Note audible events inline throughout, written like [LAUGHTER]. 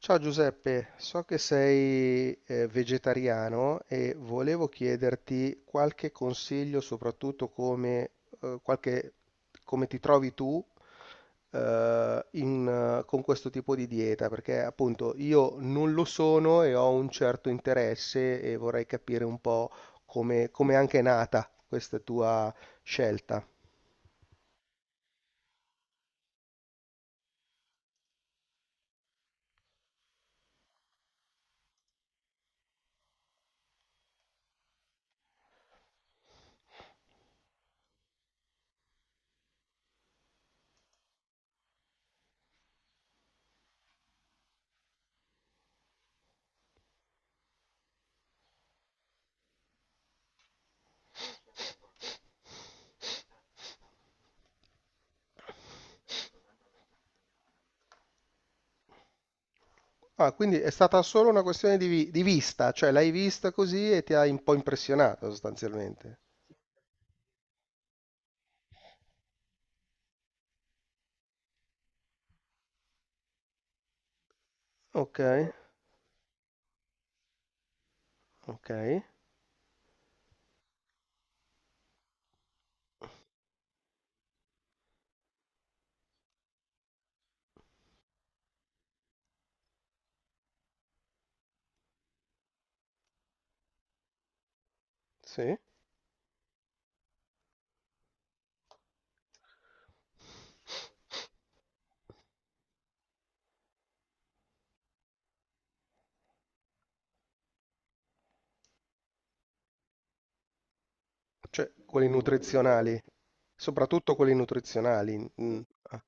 Ciao Giuseppe, so che sei vegetariano e volevo chiederti qualche consiglio, soprattutto come, eh, qualche- come ti trovi tu eh, in, con questo tipo di dieta, perché appunto io non lo sono e ho un certo interesse e vorrei capire un po' come, come è anche nata questa tua scelta. Ah, quindi è stata solo una questione di, di vista, cioè l'hai vista così e ti ha un po' impressionato sostanzialmente. Ok, ok, sì. Cioè, quelli nutrizionali, soprattutto quelli nutrizionali. Mm. Ah,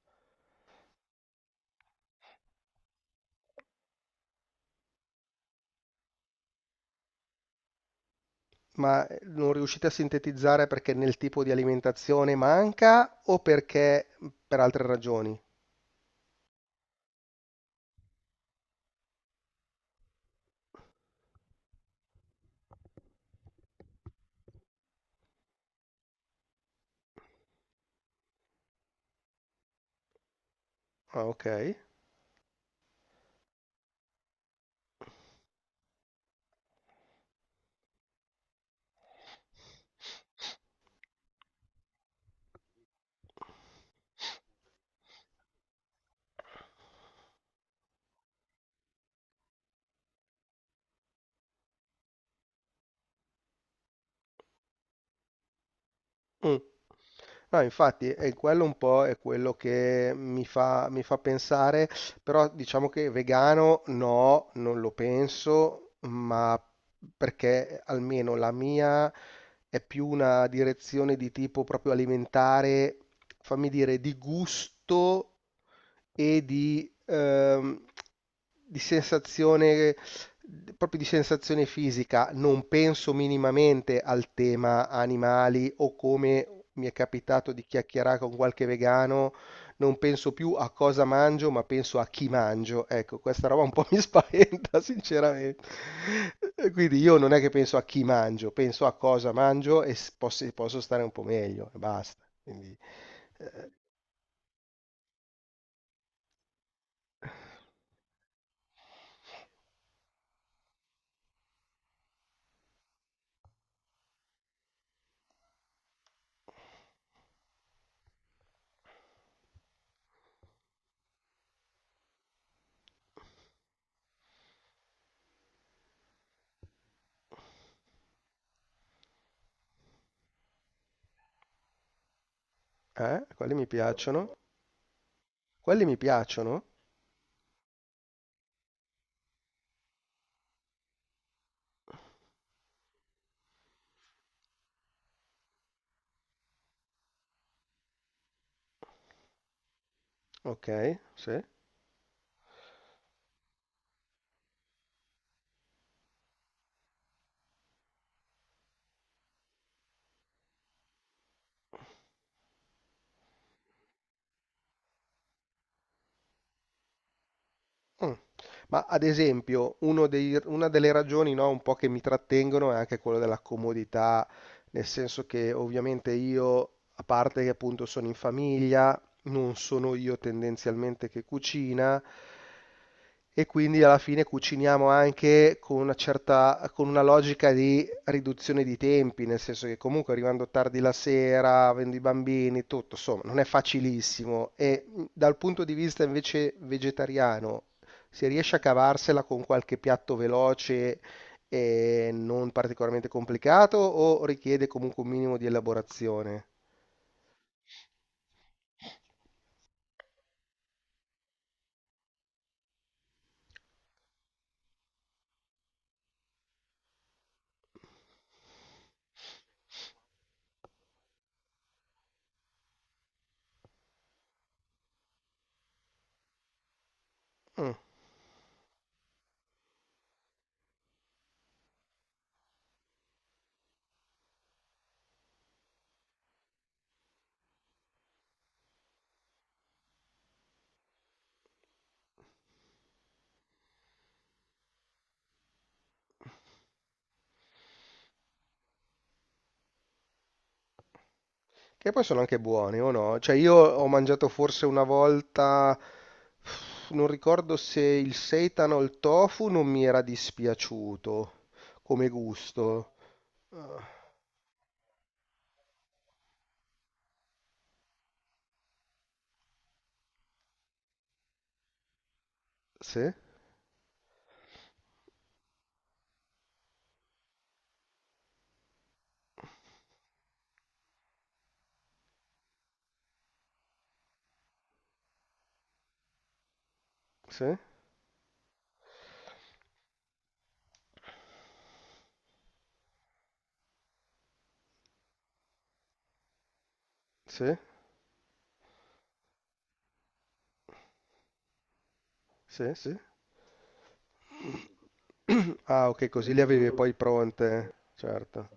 ma non riuscite a sintetizzare perché nel tipo di alimentazione manca o perché per altre ragioni? Ah, ok. Mh. No, infatti, e quello un po' è quello che mi fa pensare, però diciamo che vegano no, non lo penso, ma perché almeno la mia è più una direzione di tipo proprio alimentare, fammi dire, di gusto e di sensazione, proprio di sensazione fisica, non penso minimamente al tema animali o come mi è capitato di chiacchierare con qualche vegano, non penso più a cosa mangio, ma penso a chi mangio. Ecco, questa roba un po' mi spaventa, [LAUGHS] sinceramente. Quindi io non è che penso a chi mangio, penso a cosa mangio e posso, posso stare un po' meglio e basta. Quindi, quelli mi piacciono. Quelli mi piacciono? Ok, sì. Mm. Ma ad esempio, una delle ragioni, no, un po' che mi trattengono è anche quella della comodità, nel senso che ovviamente io, a parte che appunto sono in famiglia, non sono io tendenzialmente che cucina e quindi alla fine cuciniamo anche con una certa, con una logica di riduzione di tempi, nel senso che comunque arrivando tardi la sera, avendo i bambini, tutto, insomma, non è facilissimo. E dal punto di vista invece vegetariano, se riesce a cavarsela con qualche piatto veloce e non particolarmente complicato o richiede comunque un minimo di elaborazione. Mm, che poi sono anche buoni o no? Cioè io ho mangiato forse una volta, non ricordo se il seitan o il tofu, non mi era dispiaciuto come gusto. Ah, sì, sì, sì, sì, sì. Ah, ok, così le avevi poi pronte. Certo,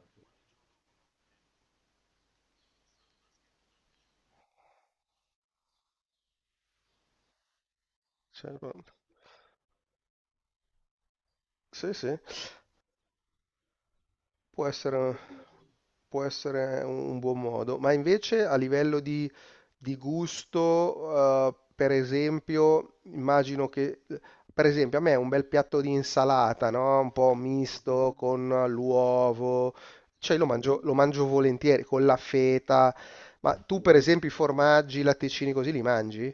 certo. Sì, sì. Può essere, può essere un buon modo, ma invece a livello di gusto, per esempio, immagino che, per esempio, a me un bel piatto di insalata, no? Un po' misto con l'uovo, cioè lo mangio volentieri con la feta, ma tu per esempio i formaggi, i latticini così li mangi?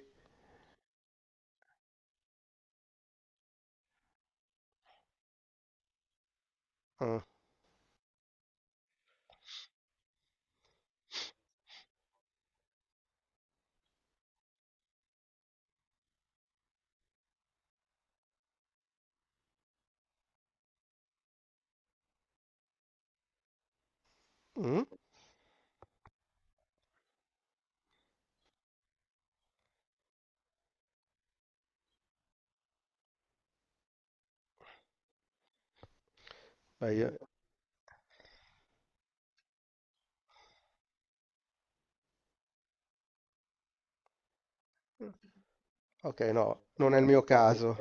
Ah. Mm? Beh, ok, no, non è il mio caso.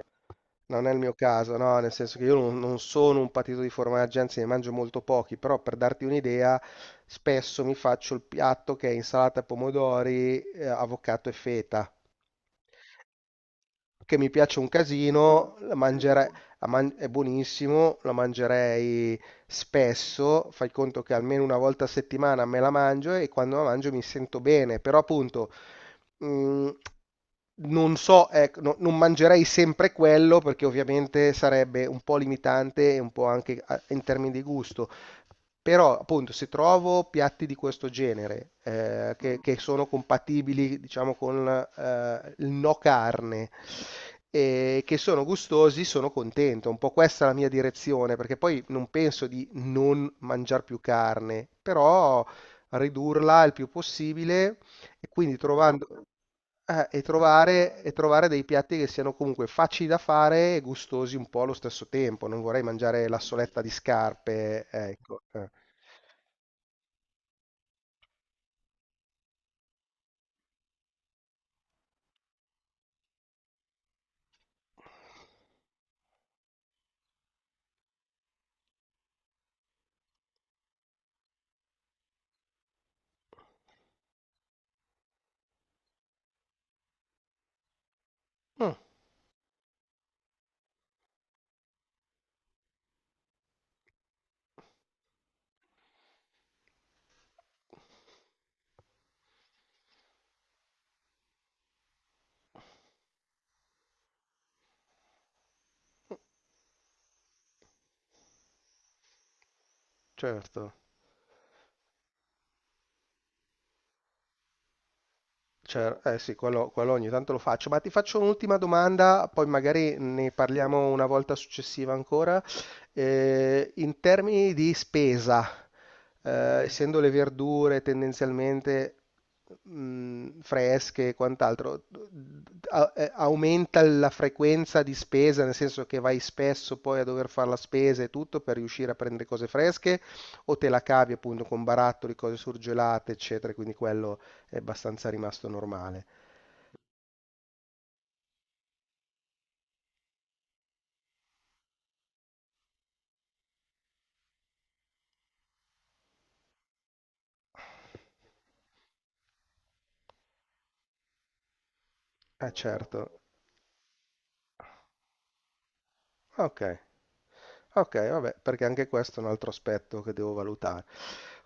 Non è il mio caso, no, nel senso che io non, non sono un patito di formaggi, anzi ne mangio molto pochi, però per darti un'idea, spesso mi faccio il piatto che è insalata pomodori, avocado e feta. Che mi piace un casino, la mangerei è buonissimo, la mangerei spesso, fai conto che almeno una volta a settimana me la mangio e quando la mangio mi sento bene, però appunto mh, non so, ecco, non mangerei sempre quello perché ovviamente sarebbe un po' limitante e un po' anche in termini di gusto. Però, appunto, se trovo piatti di questo genere che sono compatibili, diciamo, con il no carne e che sono gustosi, sono contento. Un po' questa è la mia direzione, perché poi non penso di non mangiare più carne, però ridurla il più possibile e quindi trovando, e trovare dei piatti che siano comunque facili da fare e gustosi un po' allo stesso tempo. Non vorrei mangiare la soletta di scarpe, ecco. Eh. Mm, certo. Cer eh sì, quello ogni tanto lo faccio, ma ti faccio un'ultima domanda, poi magari ne parliamo una volta successiva ancora. In termini di spesa, eh, essendo le verdure tendenzialmente fresche e quant'altro, aumenta la frequenza di spesa, nel senso che vai spesso poi a dover fare la spesa e tutto per riuscire a prendere cose fresche, o te la cavi appunto con barattoli, cose surgelate, eccetera, quindi quello è abbastanza rimasto normale. Eh certo, ok, ok, vabbè, perché anche questo è un altro aspetto che devo valutare.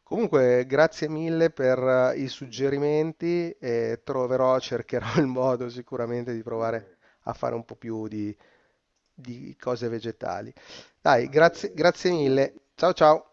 Comunque, grazie mille per i suggerimenti e troverò, [LAUGHS] cercherò il modo sicuramente di provare a fare un po' più di cose vegetali. Dai, grazie, grazie mille. Ciao ciao.